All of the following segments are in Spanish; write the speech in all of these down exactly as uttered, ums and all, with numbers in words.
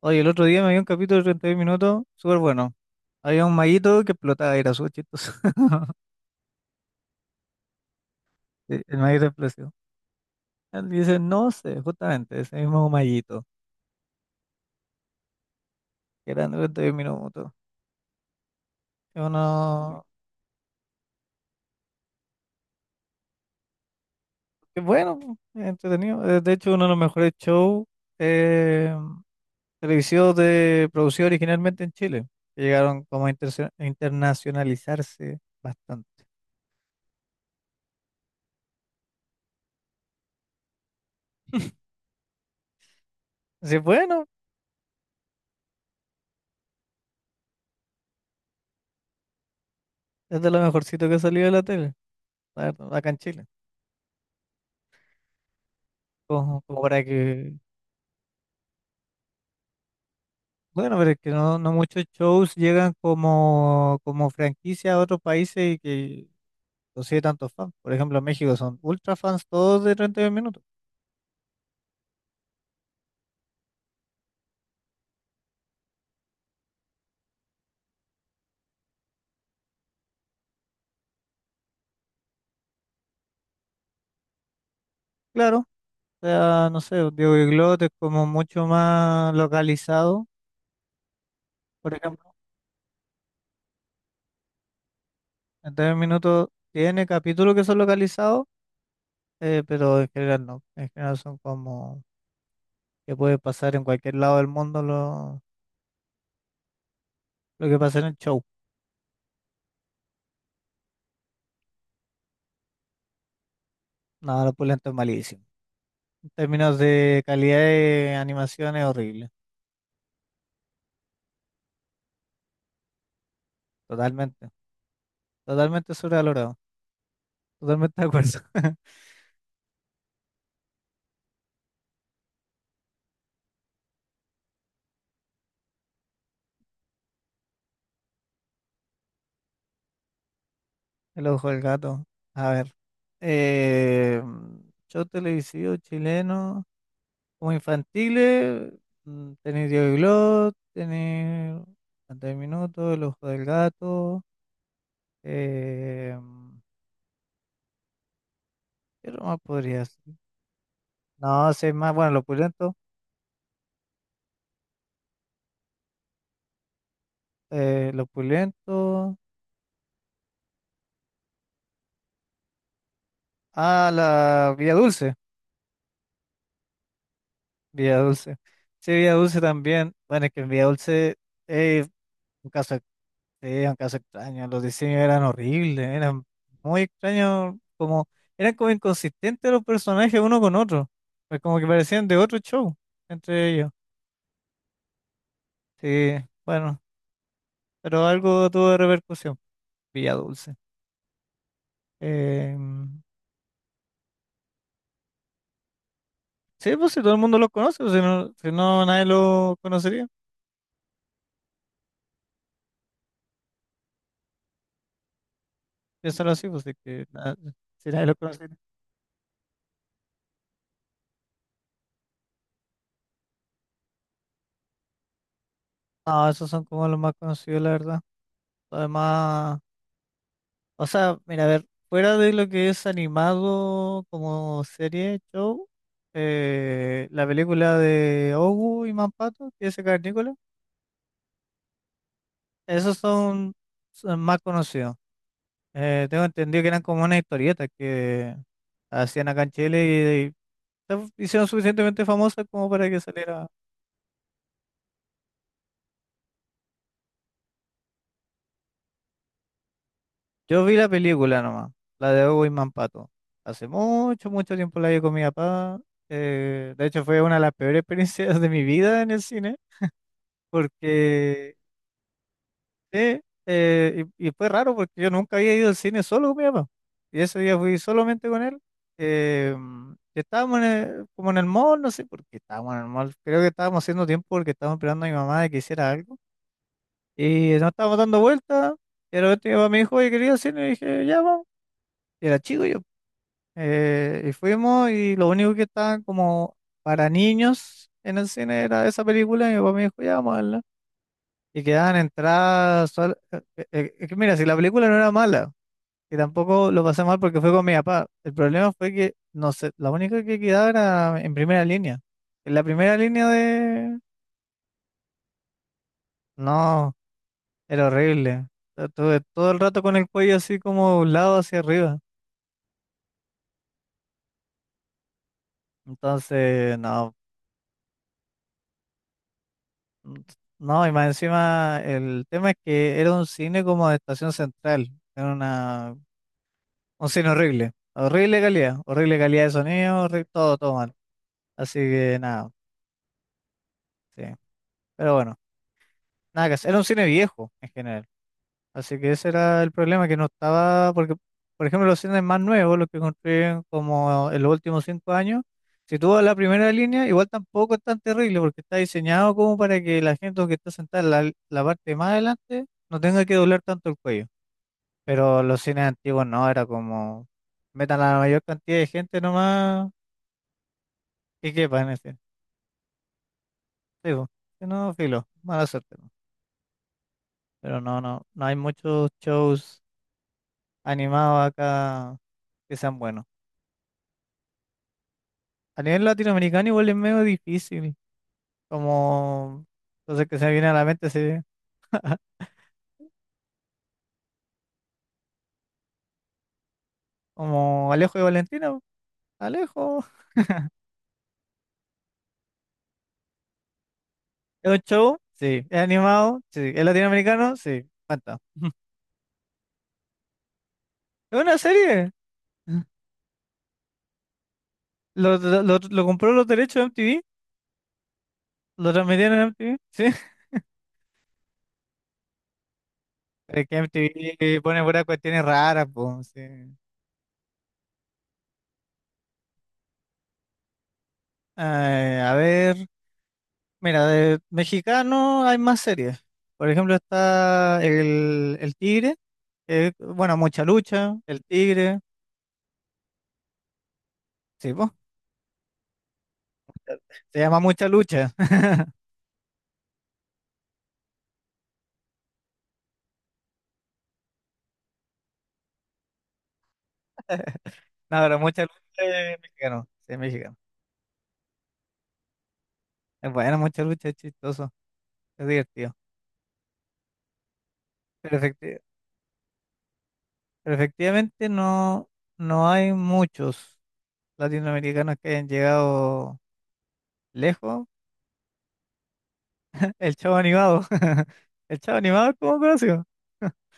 Oye, el otro día me vi un capítulo de treinta y un minutos, súper bueno. Había un maguito que explotaba, era súper chistoso. Sí, el maguito explotó. Él dice, no sé, justamente, ese mismo maguito, que era de un minutos. Es uno, que bueno, po, es entretenido. Eh, De hecho, uno de los mejores shows eh, televisivos de producido originalmente en Chile, que llegaron como a interse- a internacionalizarse bastante. Así, que, bueno, es de lo mejorcito que ha salido de la tele, la verdad, acá en Chile, como como para que bueno, pero es que no, no muchos shows llegan como, como franquicia a otros países y que consigue tantos fans. Por ejemplo, en México son ultra fans todos de treinta y dos minutos. Claro, o sea, no sé, pues, Diego Iglot es como mucho más localizado. Por ejemplo, treinta y dos minutos tiene capítulos que son localizados, eh, pero en general no. En general son como que puede pasar en cualquier lado del mundo lo, lo que pasa en el show. Nada, lo pulento es malísimo. En términos de calidad de animación es horrible. Totalmente, totalmente sobrevalorado, totalmente de acuerdo. El ojo del gato. A ver, eh, show televisivo chileno, como infantiles, mm, tenéis Diego y Glot, tenéis treinta minutos, el ojo del gato, eh, ¿qué otro más podría ser? No, sé más, bueno, los pulentos, eh, los pulentos, ah, la Villa Dulce, Villa Dulce, sí, Villa Dulce también, bueno, es que en Villa Dulce es un caso. Sí, un caso extraño. Los diseños eran horribles, eran muy extraños, como, eran como inconsistentes los personajes uno con otro. Pues como que parecían de otro show entre ellos. Sí, bueno, pero algo tuvo de repercusión. Villa Dulce. Em, sí, pues si todo el mundo lo conoce, pues, si no, si no nadie lo conocería. Piénsalo así, pues de que na- si nadie lo conocería. No, esos son como los más conocidos, la verdad. Además. O sea, mira, a ver, fuera de lo que es animado como serie, show, eh, la película de Ogu y Mampato, que es el Cavernícola, esos son, son más conocidos. Eh, tengo entendido que eran como unas historietas que hacían acá en Chile y, y se hicieron suficientemente famosas como para que saliera. Yo vi la película nomás, la de Ogu y Mampato. Hace mucho, mucho tiempo la vi con mi papá. Eh, de hecho, fue una de las peores experiencias de mi vida en el cine. Porque, sí, eh, y, y fue raro porque yo nunca había ido al cine solo con mi papá. Y ese día fui solamente con él. eh, y estábamos en el- como en el mall, no sé por qué estábamos en el mall. Creo que estábamos haciendo tiempo porque estábamos esperando a mi mamá de que hiciera algo. Y nos estábamos dando vueltas. Y de repente mi papá me dijo, oye, quería ir al cine. Y dije, ya vamos. Y era chico yo. Eh, y fuimos y lo único que estaba como para niños en el cine era esa película. Y mi papá me dijo, ya vamos a verla". Y quedaban entradas. sol- eh, eh, Es que mira, si la película no era mala, y tampoco lo pasé mal porque fue con mi papá, el problema fue que, no sé, la única que quedaba era en primera línea. En la primera línea de. No, era horrible. Estuve todo el rato con el cuello así como un lado hacia arriba. Entonces, no. mm, No, y más encima, el tema es que era un cine como de estación central. Era una, un cine horrible. Horrible calidad, horrible calidad de sonido, horri- todo, todo. Así que nada, sí. Pero bueno, nada que hacer. Era un cine viejo en general. Así que ese era el problema, que no estaba, porque, por ejemplo, los cines más nuevos, los que construyen como en los últimos cinco años, si tú vas a la primera línea, igual tampoco es tan terrible, porque está diseñado como para que la gente que está sentada en la, la parte más adelante no tenga que doblar tanto el cuello. Pero los cines antiguos no, era como, metan a la mayor cantidad de gente nomás y quepa en ese. Sí, po. Si no, filo, mala suerte. ¿No? Pero no, no, no hay muchos shows animados acá que sean buenos. A nivel latinoamericano igual es medio difícil, como, entonces que se me viene a la mente, sí, como Alejo y Valentina, po. Alejo. ¿Es un show? Sí. ¿Es animado? Sí. ¿Es latinoamericano? Sí. Cuenta. ¿Es una serie? ¿Lo, lo, lo- lo compró los derechos de M T V? ¿Lo transmitieron en M T V? Sí. Es que M T V pone puras cuestiones raras, pues, sí. Eh, a ver. Mira, de mexicano hay más series. Por ejemplo, está El, el Tigre, que es, bueno, Mucha Lucha, El Tigre, sí, po, se llama Mucha Lucha. No, pero Mucha Lucha es mexicano, sí, es mexicano. Es bueno, Mucha Lucha es chistoso, es divertido. Pero, efecti- pero efectivamente no, no hay muchos latinoamericanos que hayan llegado lejos. El Chavo Animado, el Chavo Animado es como conocido.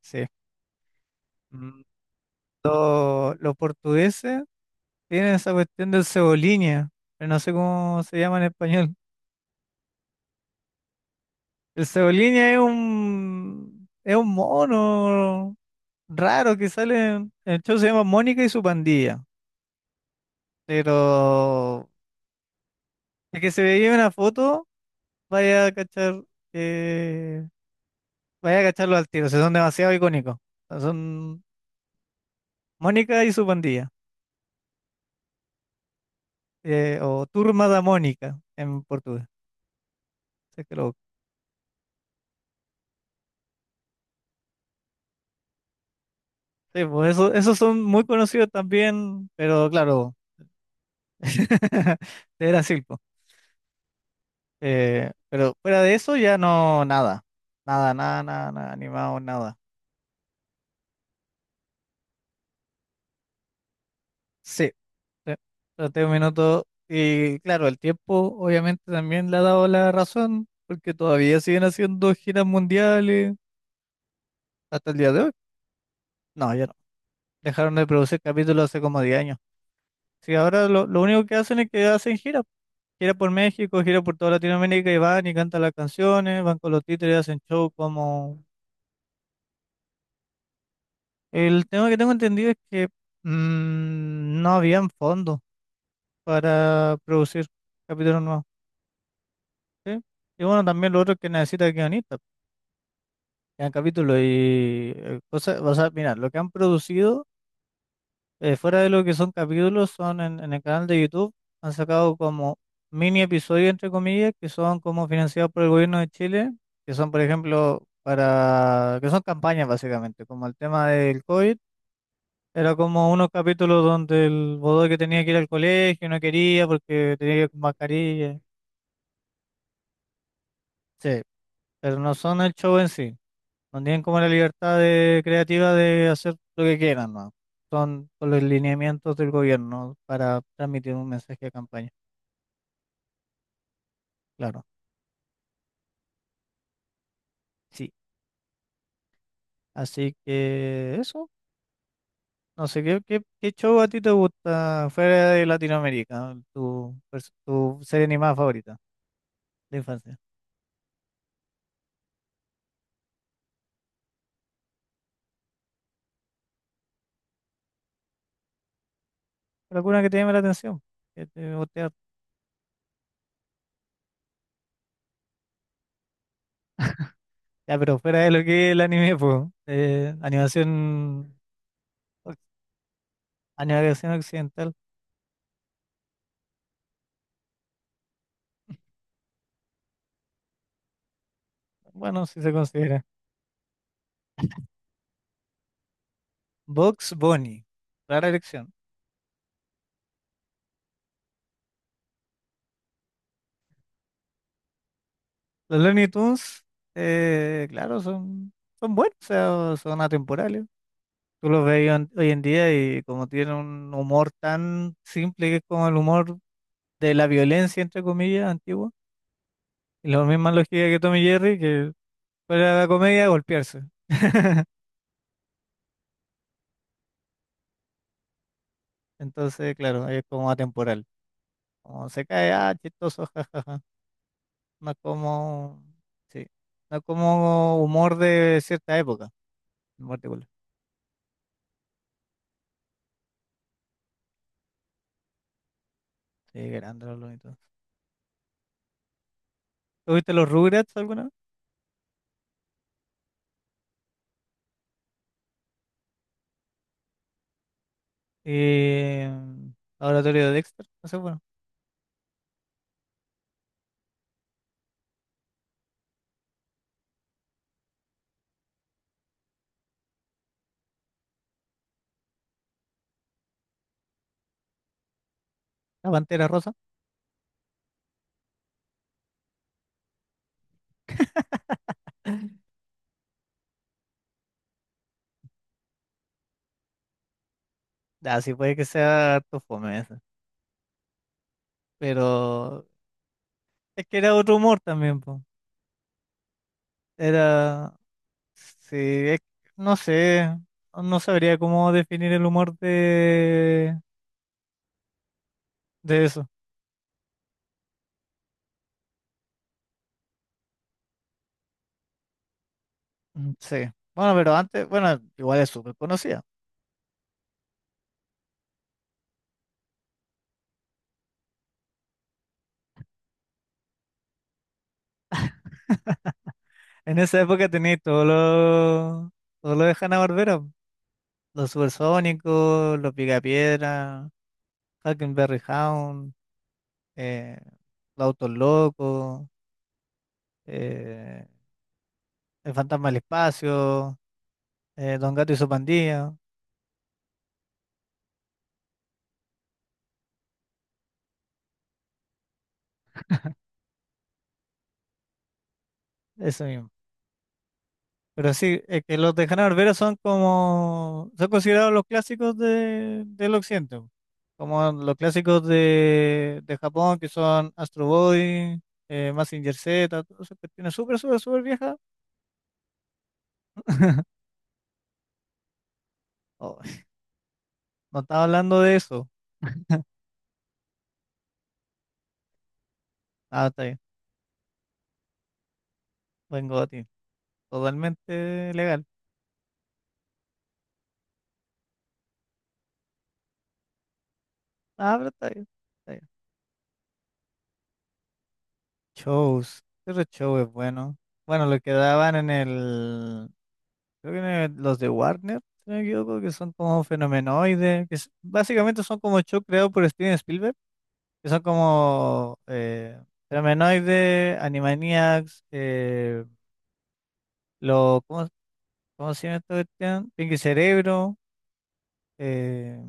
Sí. Mm, lo- Los portugueses. Tienen esa cuestión del cebolinha, pero no sé cómo se llama en español. El cebolinha es un, es un mono raro que sale, en- el show se llama Mónica y su pandilla, pero el que se veía una foto, vaya a cachar, que- vaya a cacharlo al tiro, o sea, son demasiado icónicos. O sea, son Mónica y su pandilla, eh, o Turma da Mónica en portugués. Si es que lo- Sí, pues eso- esos son muy conocidos también, pero claro. De Brasil, po. Eh, pero fuera de eso ya no, nada. Nada, nada, nada, nada, animado, nada. Sí, sí. Traté un minuto. Y claro, el tiempo obviamente también le ha dado la razón, porque todavía siguen haciendo giras mundiales hasta el día de hoy. No, ya no. Dejaron de producir capítulos hace como diez años. Sí, ahora lo, lo único que hacen es que hacen giras. Gira por México, gira por toda Latinoamérica y van y cantan las canciones, van con los títeres, hacen show como el tema que tengo entendido es que mm, no habían fondos para producir capítulos nuevos, ¿sí? Y bueno, también lo otro es que necesita guionistas, que hagan capítulos y eh, cosas, o sea, mira, lo que han producido eh, fuera de lo que son capítulos son en, en el canal de YouTube, han sacado como mini episodios, entre comillas, que son como financiados por el gobierno de Chile, que son, por ejemplo, para, que son campañas básicamente, como el tema del COVID. Era como unos capítulos donde el que tenía que ir al colegio, no quería porque tenía que ir con mascarilla. Sí, pero no son el show en sí. No tienen como la libertad de- creativa de hacer lo que quieran, ¿no? Son con los lineamientos del gobierno para transmitir un mensaje de campaña, claro. Sí. Así que eso. No sé, ¿qué, qué, qué show a ti te gusta fuera de Latinoamérica? Tu, pers- tu serie animada favorita de infancia. ¿Alguna que te llame la atención? Que te guste ya, pero fuera de lo que es el anime, pues, eh, animación, oc- animación occidental, bueno, si se considera. Box Bunny, rara elección. Los Looney Tunes, eh, claro, son, son buenos, o sea, son atemporales. Tú los ves hoy en hoy en día y como tienen un humor tan simple que es como el humor de la violencia, entre comillas, antigua, y la misma lógica que Tommy Jerry, que fuera de la comedia, golpearse. Entonces, claro, es como atemporal. Como se cae, ah, chistoso, jajaja. No es como, sí, no es como humor de cierta época, en particular. Sí, grande los Looney Tunes. ¿Tú viste los Rugrats alguna vez? Eh, mm, Laboratorio de Dexter, no sé, bueno. La Pantera Rosa. Ah, sí, puede que sea harto fome esa. Pero es que era otro humor también, po. Era, sí, es- no sé, no sabría cómo definir el humor de, de eso. Mm, Sí. Bueno, pero antes, bueno, igual es súper conocida. En esa época tenéis todo lo, todo lo de Hanna-Barbera. Po. Los Supersónicos, los Picapiedra, Huckleberry Hound, eh, los Autos Locos, eh, el Fantasma del Espacio, eh, Don Gato y su Pandilla. Eso mismo. Pero sí, es que los de Hanna Barbera son como, son considerados los clásicos de, del occidente, po. Como los clásicos de, de Japón, que son Astro Boy, eh, Mazinger Z, todas esas cuestiones súper, súper, súper viejas. Oh, no estaba hablando de eso. Ah, está bien, vengo a ti, totalmente legal. Ah, pero está bien, está bien. Shows, ese show es bueno. Bueno, lo que daban en el, creo que me- los de Warner, si no me equivoco, que son como fenomenoides, que s- básicamente son como shows creados por Steven Spielberg, que son como eh, fenomenoides, Animaniacs, eh, lo, ¿cómo, cómo se llama esta cuestión? Pinky Cerebro, eh,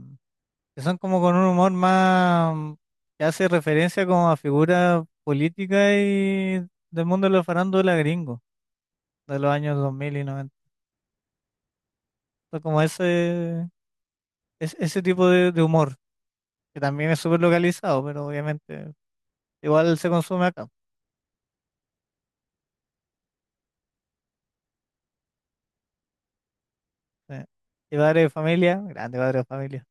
que son como con un humor más mm, que hace referencia como a figuras políticas y del mundo de la farándula gringo, de los años dos mil y noventa, son como ese, es- ese tipo de de humor. Que también es súper localizado, pero obviamente igual se consume acá. Sí. Y padre de familia, grande padre de familia.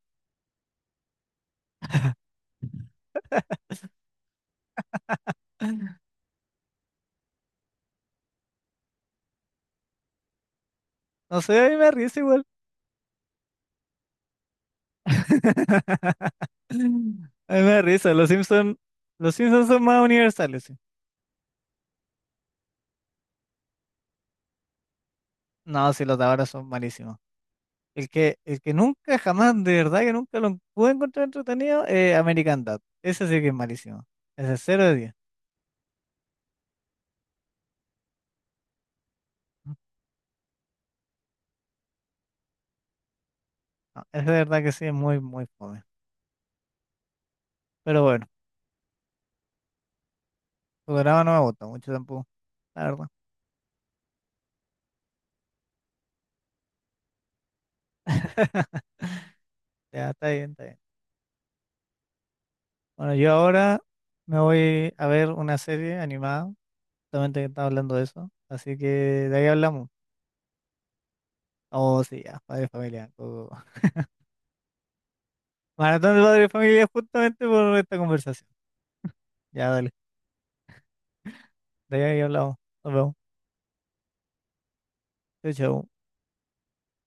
No sé, a mí me da risa igual. A mí me da risa, los Simpsons, los Simpsons son más universales, sí. No, sí, los de ahora son malísimos. El que, el que nunca, jamás, de verdad que nunca lo pude encontrar entretenido, eh, American Dad. Ese sí que es malísimo. Ese es cero de diez. No, ese de verdad que sí es muy, muy fome. Pero bueno, su programa no me gusta mucho tampoco, la verdad. Ya, está bien, está bien. Bueno, yo ahora me voy a ver una serie animada, justamente que estaba hablando de eso, así que de ahí hablamos. Oh, sí, ya, padre y familia. Todo. Maratón de padre y familia justamente por esta conversación. Ya, dale, de ahí hablamos. Nos vemos. Chau, chau.